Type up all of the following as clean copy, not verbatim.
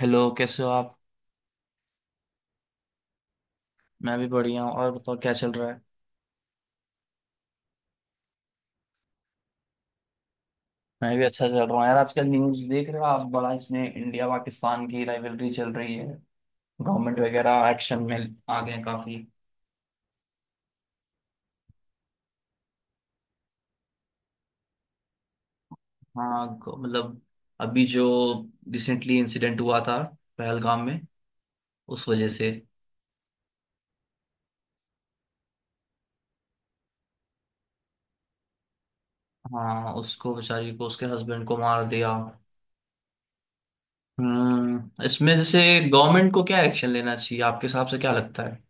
Hello, कैसे हो आप। मैं भी बढ़िया हूँ। और बताओ, क्या चल रहा है। मैं भी अच्छा चल रहा हूँ यार। आजकल न्यूज़ देख रहे हो आप? बड़ा इसमें इंडिया पाकिस्तान की राइवलरी चल रही है। गवर्नमेंट वगैरह एक्शन में आ गए हैं काफी। हाँ, मतलब अभी जो रिसेंटली इंसिडेंट हुआ था पहलगाम में, उस वजह से। हाँ, उसको बेचारी को उसके हस्बैंड को मार दिया। इसमें जैसे गवर्नमेंट को क्या एक्शन लेना चाहिए, आपके हिसाब से क्या लगता है?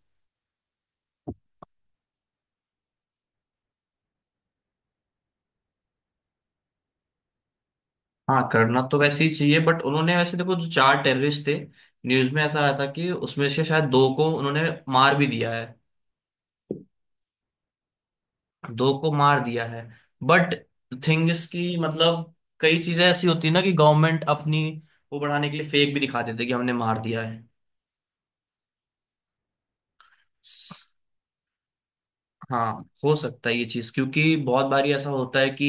हाँ, करना तो वैसे ही चाहिए। बट उन्होंने वैसे देखो, जो चार टेररिस्ट थे, न्यूज में ऐसा आया था कि उसमें से शायद दो को उन्होंने मार भी दिया है। दो को मार दिया है। बट थिंग इज कि मतलब कई चीजें ऐसी होती है ना कि गवर्नमेंट अपनी वो बढ़ाने के लिए फेक भी दिखा देते कि हमने मार दिया है। हाँ, हो सकता है ये चीज। क्योंकि बहुत बारी ऐसा होता है कि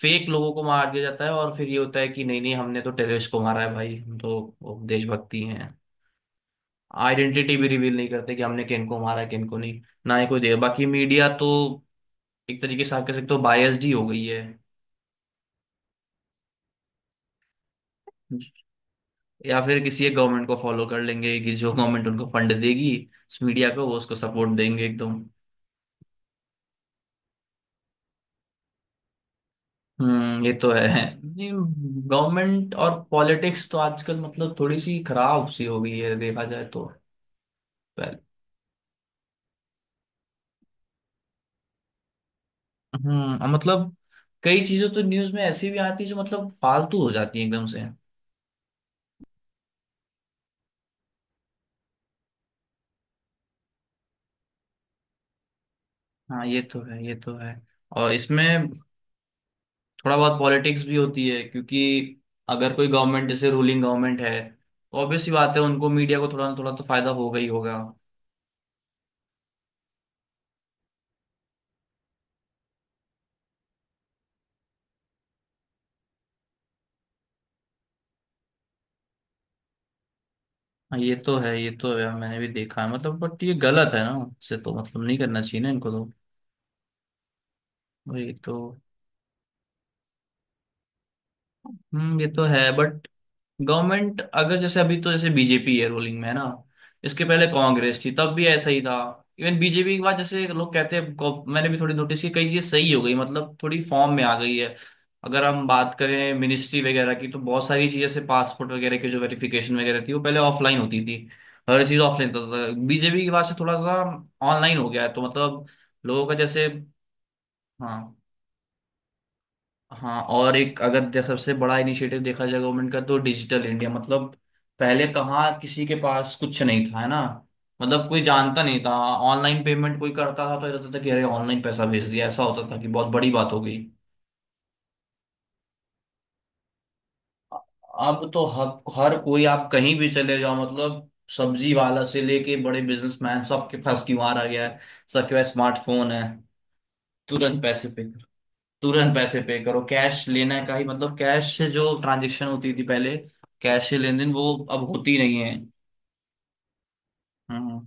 फेक लोगों को मार दिया जाता है, और फिर ये होता है कि नहीं नहीं, हमने तो टेररिस्ट को मारा है भाई, हम तो वो देशभक्ति हैं। आइडेंटिटी भी रिवील नहीं करते कि हमने किनको मारा किनको नहीं। ना ही कोई दे। बाकी मीडिया तो एक तरीके से आप कह सकते हो बायस्ड ही हो गई है। या फिर किसी एक गवर्नमेंट को फॉलो कर लेंगे कि जो गवर्नमेंट उनको फंड देगी, उस मीडिया को वो उसको सपोर्ट देंगे एकदम। ये तो है। गवर्नमेंट और पॉलिटिक्स तो आजकल मतलब थोड़ी सी खराब सी हो गई है, देखा जाए तो। पहले। और मतलब कई चीजें तो न्यूज में ऐसी भी आती है जो मतलब फालतू हो जाती है एकदम से। हाँ, ये तो है ये तो है। और इसमें थोड़ा बहुत पॉलिटिक्स भी होती है, क्योंकि अगर कोई गवर्नमेंट जैसे रूलिंग गवर्नमेंट है तो ऑब्वियस सी बात है उनको मीडिया को थोड़ा ना थोड़ा तो फायदा होगा ही होगा। हाँ, ये तो है ये तो है, मैंने भी देखा है मतलब। बट ये गलत है ना। इससे तो मतलब नहीं करना चाहिए ना इनको तो। ये तो ये तो है। बट गवर्नमेंट अगर जैसे अभी तो जैसे बीजेपी है रूलिंग में है ना, इसके पहले कांग्रेस थी तब भी ऐसा ही था। इवन बीजेपी के बाद जैसे लोग कहते हैं मैंने भी थोड़ी नोटिस की, कई चीजें सही हो गई, मतलब थोड़ी फॉर्म में आ गई है। अगर हम बात करें मिनिस्ट्री वगैरह की, तो बहुत सारी चीजें जैसे पासपोर्ट वगैरह की जो वेरिफिकेशन वगैरह थी वो पहले ऑफलाइन होती थी। हर चीज ऑफलाइन होता था। तो बीजेपी के बाद से थोड़ा सा ऑनलाइन हो गया है। तो मतलब लोगों का जैसे हाँ हाँ। और एक अगर सबसे बड़ा इनिशिएटिव देखा जाए गवर्नमेंट का तो डिजिटल इंडिया, मतलब पहले कहाँ किसी के पास कुछ नहीं था है ना। मतलब कोई जानता नहीं था। ऑनलाइन पेमेंट कोई करता था तो ये होता था कि अरे ऑनलाइन पैसा भेज दिया, ऐसा होता था कि बहुत बड़ी बात हो गई। अब तो हर कोई, आप कहीं भी चले जाओ, मतलब सब्जी वाला से लेके बड़े बिजनेसमैन सबके पास क्यूआर आ गया है। सबके पास स्मार्टफोन है। तुरंत पैसे पे, तुरंत पैसे पे करो। कैश लेना का ही मतलब, कैश से जो ट्रांजेक्शन होती थी पहले, कैश से लेन देन वो अब होती नहीं है। हम्म।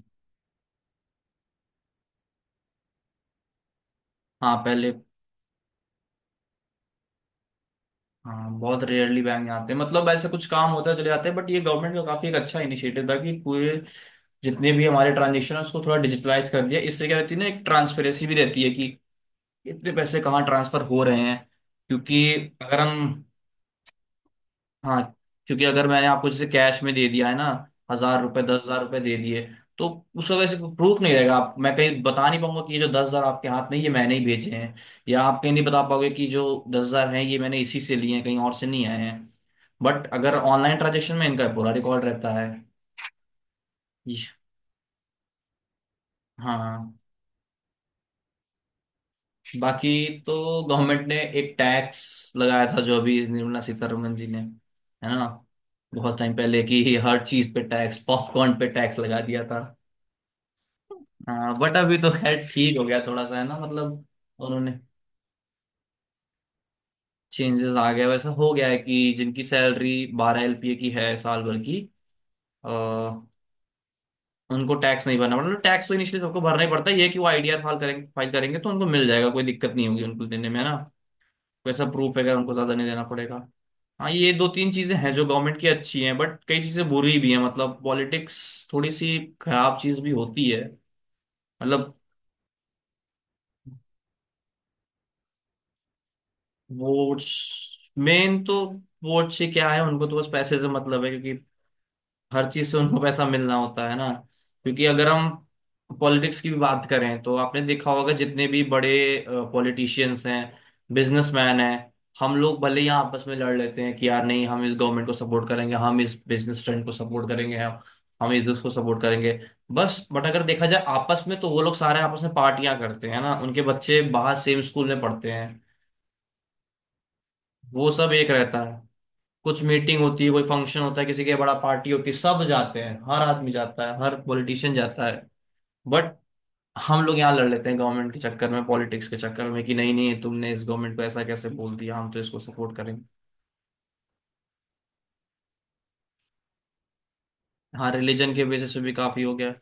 हाँ, पहले हाँ बहुत रेयरली बैंक आते हैं, मतलब ऐसे कुछ काम होता है चले जाते हैं। बट ये गवर्नमेंट का काफी एक अच्छा इनिशिएटिव था कि पूरे जितने भी हमारे ट्रांजेक्शन है उसको थोड़ा डिजिटलाइज कर दिया। इससे क्या रहती है ना, एक ट्रांसपेरेंसी भी रहती है कि इतने पैसे कहाँ ट्रांसफर हो रहे हैं, क्योंकि अगर हम हाँ। क्योंकि अगर मैंने आपको जैसे कैश में दे दिया है ना, हजार रुपए 10,000 रुपए दे दिए, तो उस वजह से प्रूफ नहीं रहेगा। आप मैं कहीं बता नहीं पाऊंगा कि ये जो 10,000 आपके हाथ में ये मैंने ही भेजे हैं, या आप कहीं नहीं बता पाओगे कि जो 10,000 हैं ये मैंने इसी से लिए हैं, कहीं और से नहीं आए हैं। बट अगर ऑनलाइन ट्रांजेक्शन में इनका पूरा रिकॉर्ड रहता है। ये- हाँ। बाकी तो गवर्नमेंट ने एक टैक्स लगाया था, जो अभी निर्मला सीतारमन जी ने है ना, बहुत टाइम पहले, कि हर चीज पे टैक्स, पॉपकॉर्न पे टैक्स लगा दिया था। हाँ, बट अभी तो खैर ठीक हो गया थोड़ा सा है ना मतलब। उन्होंने चेंजेस आ गए, वैसा हो गया है कि जिनकी सैलरी 12 एलपीए की है साल भर की आ, उनको टैक्स नहीं भरना पड़ता। मतलब टैक्स तो इनिशियली सबको भरना ही पड़ता है। ये कि वो आईडीआर फाइल करेंगे, फाइल करेंगे तो उनको मिल जाएगा, कोई दिक्कत नहीं होगी उनको देने में है ना। वैसा प्रूफ वगैरह उनको ज्यादा नहीं देना पड़ेगा। हाँ, ये दो तीन चीजें हैं जो गवर्नमेंट की अच्छी हैं, बट कई चीजें बुरी भी हैं, मतलब पॉलिटिक्स थोड़ी सी खराब चीज भी होती है। मतलब वोट्स मेन तो। वोट से क्या है, उनको तो बस पैसे से मतलब है, क्योंकि हर चीज से उनको पैसा मिलना होता है ना। क्योंकि अगर हम पॉलिटिक्स की भी बात करें, तो आपने देखा होगा जितने भी बड़े पॉलिटिशियंस हैं, बिजनेसमैन हैं, हम लोग भले ही यहाँ आपस में लड़ लेते हैं कि यार नहीं, हम इस गवर्नमेंट को सपोर्ट करेंगे, हम इस बिजनेस ट्रेंड को सपोर्ट करेंगे, हम इस को सपोर्ट करेंगे बस। बट अगर देखा जाए आपस में, तो वो लोग सारे आपस में पार्टियां करते हैं ना, उनके बच्चे बाहर सेम स्कूल में पढ़ते हैं, वो सब एक रहता है। कुछ मीटिंग होती है, कोई फंक्शन होता है, किसी के बड़ा पार्टी होती है, सब जाते हैं, हर आदमी जाता है, हर पॉलिटिशियन जाता है। बट हम लोग यहाँ लड़ लेते हैं गवर्नमेंट के चक्कर में, पॉलिटिक्स के चक्कर में, कि नहीं नहीं तुमने इस गवर्नमेंट को ऐसा कैसे बोल दिया, हम तो इसको सपोर्ट करेंगे। हाँ, रिलीजन के बेसिस पे भी काफी हो गया।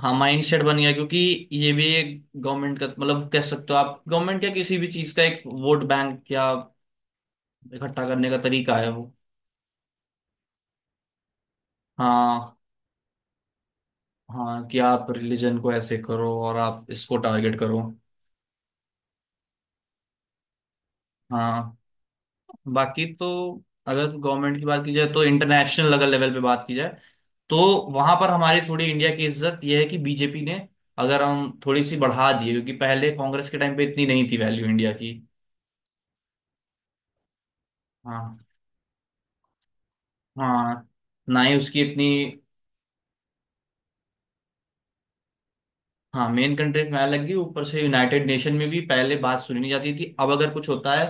हाँ, माइंड सेट बन गया, क्योंकि ये भी एक गवर्नमेंट का, मतलब कह सकते हो आप, गवर्नमेंट या किसी भी चीज का एक वोट बैंक या इकट्ठा करने का तरीका है वो। हाँ हाँ, कि आप रिलीजन को ऐसे करो और आप इसको टारगेट करो। हाँ। बाकी तो अगर गवर्नमेंट की बात की जाए, तो इंटरनेशनल अगर लेवल पे बात की जाए तो वहां पर हमारी थोड़ी इंडिया की इज्जत यह है कि बीजेपी ने अगर हम थोड़ी सी बढ़ा दी है, क्योंकि पहले कांग्रेस के टाइम पे इतनी नहीं थी वैल्यू इंडिया की। हाँ हाँ। ना ही उसकी इतनी। हाँ, मेन कंट्रीज में अलग लगी, ऊपर से यूनाइटेड नेशन में भी पहले बात सुनी नहीं जाती थी। अब अगर कुछ होता है,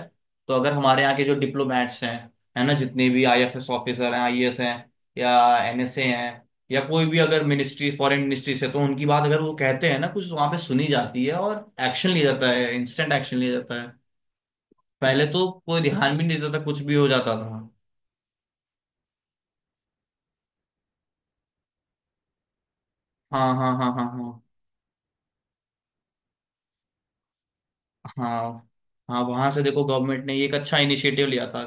तो अगर हमारे यहाँ के जो डिप्लोमेट्स हैं, है ना जितने भी आईएफएस ऑफिसर हैं, आईएएस हैं, या एनएसए हैं, या कोई भी अगर मिनिस्ट्री, फॉरेन मिनिस्ट्री से, तो उनकी बात अगर वो कहते हैं ना कुछ, तो वहाँ पे सुनी जाती है और एक्शन लिया जाता है, इंस्टेंट एक्शन लिया जाता है। पहले तो कोई ध्यान भी नहीं देता था, कुछ भी हो जाता था। हाँ हाँ हाँ हाँ हाँ। हाँ, हाँ वहां से देखो गवर्नमेंट ने एक अच्छा इनिशिएटिव लिया था।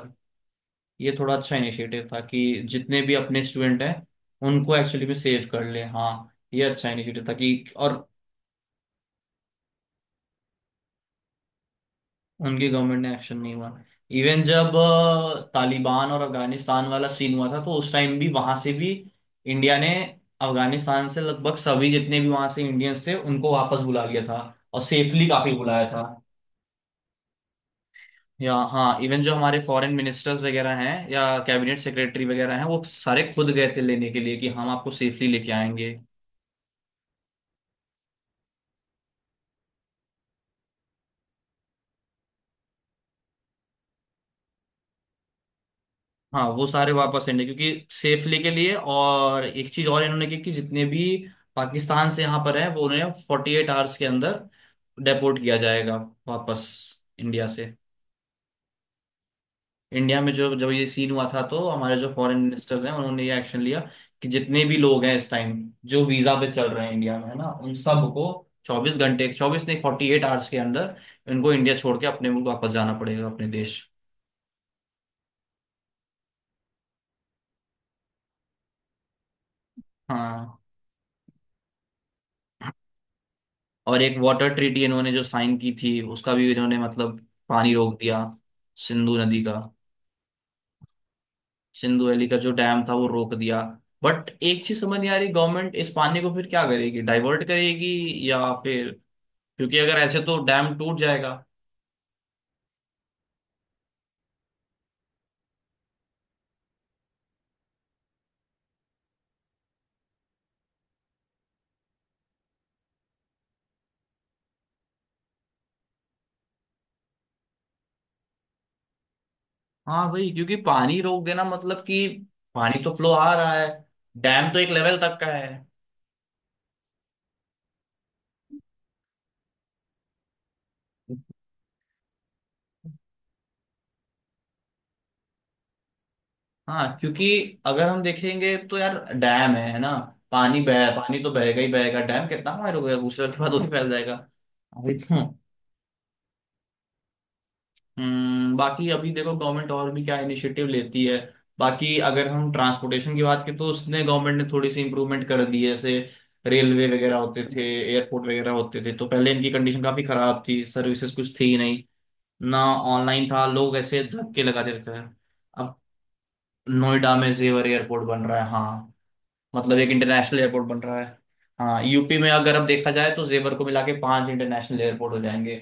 ये थोड़ा अच्छा इनिशिएटिव था कि जितने भी अपने स्टूडेंट हैं उनको एक्चुअली में सेव कर ले, हाँ। ये अच्छा इनिशिएटिव था कि और उनकी गवर्नमेंट ने एक्शन नहीं हुआ। इवन जब तालिबान और अफगानिस्तान वाला सीन हुआ था, तो उस टाइम भी वहां से भी इंडिया ने अफगानिस्तान से लगभग सभी जितने भी वहां से इंडियंस थे उनको वापस बुला लिया था, और सेफली काफी बुलाया था। या हाँ, इवन जो हमारे फॉरेन मिनिस्टर्स वगैरह हैं या कैबिनेट सेक्रेटरी वगैरह हैं वो सारे खुद गए थे लेने के लिए, कि हम आपको सेफली लेके आएंगे। हाँ, वो सारे वापस लेंगे क्योंकि सेफली के लिए। और एक चीज और इन्होंने की कि जितने भी पाकिस्तान से यहाँ पर हैं, वो उन्हें 48 आवर्स के अंदर डेपोर्ट किया जाएगा वापस इंडिया से। इंडिया में जो जब ये सीन हुआ था तो हमारे जो फॉरेन मिनिस्टर्स हैं उन्होंने ये एक्शन लिया कि जितने भी लोग हैं इस टाइम जो वीजा पे चल रहे हैं इंडिया में है ना उन सबको 24 घंटे, चौबीस नहीं 48 आवर्स के अंदर इनको इंडिया छोड़ के अपने मुल्क वापस जाना पड़ेगा, अपने देश। हाँ, और एक वाटर ट्रीटी इन्होंने जो साइन की थी उसका भी इन्होंने मतलब पानी रोक दिया, सिंधु नदी का। सिंधु वैली का जो डैम था वो रोक दिया। बट एक चीज समझ नहीं आ रही, गवर्नमेंट इस पानी को फिर क्या करेगी, डाइवर्ट करेगी या फिर? क्योंकि अगर ऐसे तो डैम टूट जाएगा। हाँ भाई, क्योंकि पानी रोक देना मतलब कि पानी तो फ्लो आ रहा है, डैम तो एक लेवल तक का है। हाँ, क्योंकि अगर हम देखेंगे तो यार डैम है ना, पानी बह पानी तो बहेगा ही बहेगा, डैम कितना बार हो गया दूसरे के बाद वो भी फैल जाएगा। अभी तो बाकी अभी देखो, गवर्नमेंट और भी क्या इनिशिएटिव लेती है। बाकी अगर हम ट्रांसपोर्टेशन की बात करें तो उसने गवर्नमेंट ने थोड़ी सी इंप्रूवमेंट कर दी है। जैसे रेलवे वगैरह होते थे, एयरपोर्ट वगैरह होते थे, तो पहले इनकी कंडीशन काफी खराब थी, सर्विसेज कुछ थी ही नहीं। ना, ऑनलाइन था, लोग ऐसे धक्के लगाते रहते थे। अब नोएडा में जेवर एयरपोर्ट बन रहा है, हाँ। मतलब एक इंटरनेशनल एयरपोर्ट बन रहा है। हाँ, यूपी में अगर अब देखा जाए तो जेवर को मिला के पांच इंटरनेशनल एयरपोर्ट हो जाएंगे।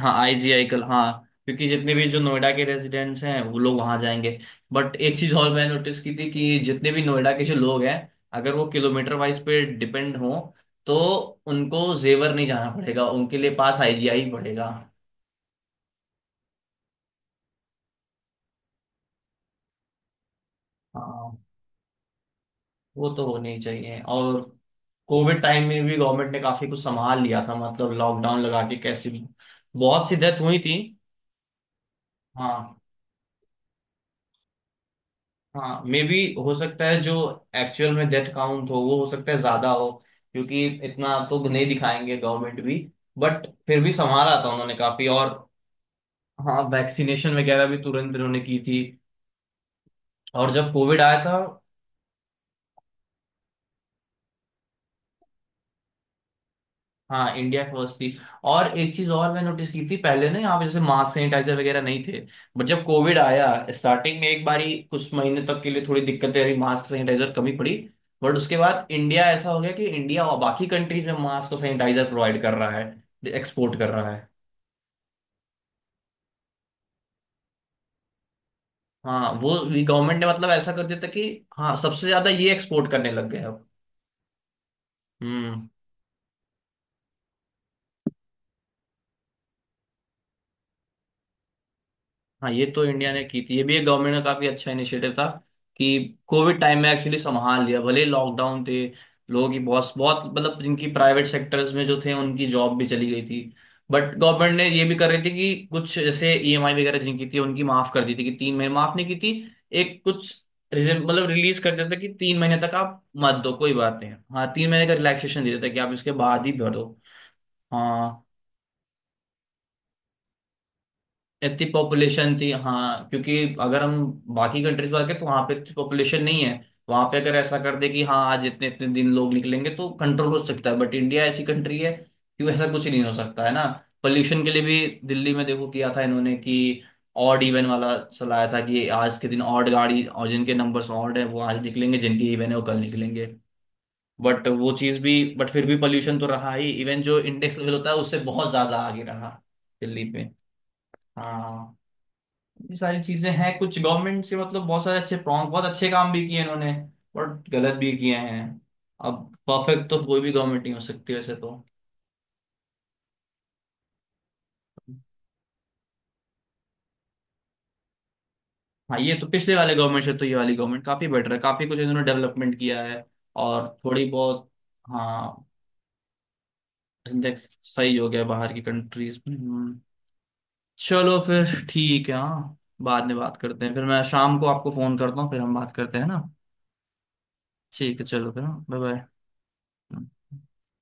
हाँ आईजीआई कल, हाँ, क्योंकि जितने भी जो नोएडा के रेजिडेंट्स हैं वो लोग वहां जाएंगे। बट एक चीज और मैंने नोटिस की थी कि जितने भी नोएडा के जो लोग हैं, अगर वो किलोमीटर वाइज पे डिपेंड हो तो उनको जेवर नहीं जाना पड़ेगा, उनके लिए पास आईजीआई ही पड़ेगा। हाँ वो तो होने ही चाहिए। और कोविड टाइम में भी गवर्नमेंट ने काफी कुछ संभाल लिया था, मतलब लॉकडाउन लगा के कैसे भी बहुत सी डेथ हुई थी। हाँ, हाँ, मे बी हो सकता है जो एक्चुअल में डेथ काउंट हो वो हो सकता है ज्यादा हो, क्योंकि इतना तो नहीं दिखाएंगे गवर्नमेंट भी। बट फिर भी संभाला था उन्होंने काफी। और हाँ वैक्सीनेशन वगैरह भी तुरंत इन्होंने की थी। और जब कोविड आया था। हाँ इंडिया फर्स्ट थी। और एक चीज और मैं नोटिस की थी, पहले ना यहाँ पे जैसे मास्क सैनिटाइजर वगैरह नहीं थे। बट जब कोविड आया, स्टार्टिंग में एक बारी कुछ महीने तक के लिए थोड़ी दिक्कतें रही, मास्क सैनिटाइजर कमी पड़ी। बट उसके बाद इंडिया ऐसा हो गया कि इंडिया और बाकी कंट्रीज में मास्क और सैनिटाइजर प्रोवाइड कर रहा है, एक्सपोर्ट कर रहा है। हाँ, वो गवर्नमेंट ने मतलब ऐसा कर दिया था कि हाँ सबसे ज्यादा ये एक्सपोर्ट करने लग गए अब। हम्म। हाँ, ये तो इंडिया ने की थी, ये भी एक गवर्नमेंट का काफी अच्छा इनिशिएटिव था, कि कोविड टाइम में एक्चुअली संभाल लिया, भले लॉकडाउन थे। लोगों की बहुत बहुत मतलब जिनकी प्राइवेट सेक्टर्स में जो थे उनकी जॉब भी चली गई थी। बट गवर्नमेंट ने ये भी कर रही थी कि कुछ जैसे ईएमआई वगैरह जिनकी थी उनकी माफ कर दी थी, कि 3 महीने माफ नहीं की थी, एक कुछ मतलब रिलीज कर देता था कि 3 महीने तक आप मत दो कोई बात नहीं। हाँ तीन महीने का रिलैक्सेशन दे देता था कि आप इसके बाद ही भर दो। हाँ इतनी पॉपुलेशन थी, हाँ, क्योंकि अगर हम बाकी कंट्रीज में तो वहां पे इतनी पॉपुलेशन नहीं है। वहां पे अगर ऐसा कर दे कि हाँ आज इतने इतने दिन लोग निकलेंगे तो कंट्रोल हो सकता है। बट इंडिया ऐसी कंट्री है कि ऐसा कुछ नहीं हो सकता, है ना। पोल्यूशन के लिए भी दिल्ली में देखो, किया था इन्होंने कि ऑड इवन वाला चलाया था कि आज के दिन ऑड गाड़ी, और जिनके नंबर्स ऑड है वो आज निकलेंगे, जिनके इवन है वो कल निकलेंगे। बट वो चीज भी, बट फिर भी पोल्यूशन तो रहा ही, इवन जो इंडेक्स लेवल होता है उससे बहुत ज्यादा आगे रहा, दिल्ली में। हाँ। ये सारी चीजें हैं, कुछ गवर्नमेंट से मतलब बहुत सारे अच्छे प्रॉन्ग बहुत अच्छे काम भी किए इन्होंने, और गलत भी किए हैं। अब परफेक्ट तो कोई भी गवर्नमेंट नहीं हो सकती वैसे तो। हाँ ये तो पिछले वाले गवर्नमेंट से तो ये वाली गवर्नमेंट काफी बेटर है, काफी कुछ इन्होंने डेवलपमेंट किया है। और थोड़ी बहुत। हाँ index सही हो गया बाहर की कंट्रीज में। हम्म। चलो फिर ठीक है। हाँ बाद में बात करते हैं, फिर मैं शाम को आपको फोन करता हूँ फिर हम बात करते हैं ना। ठीक है चलो फिर। बाय। बाय।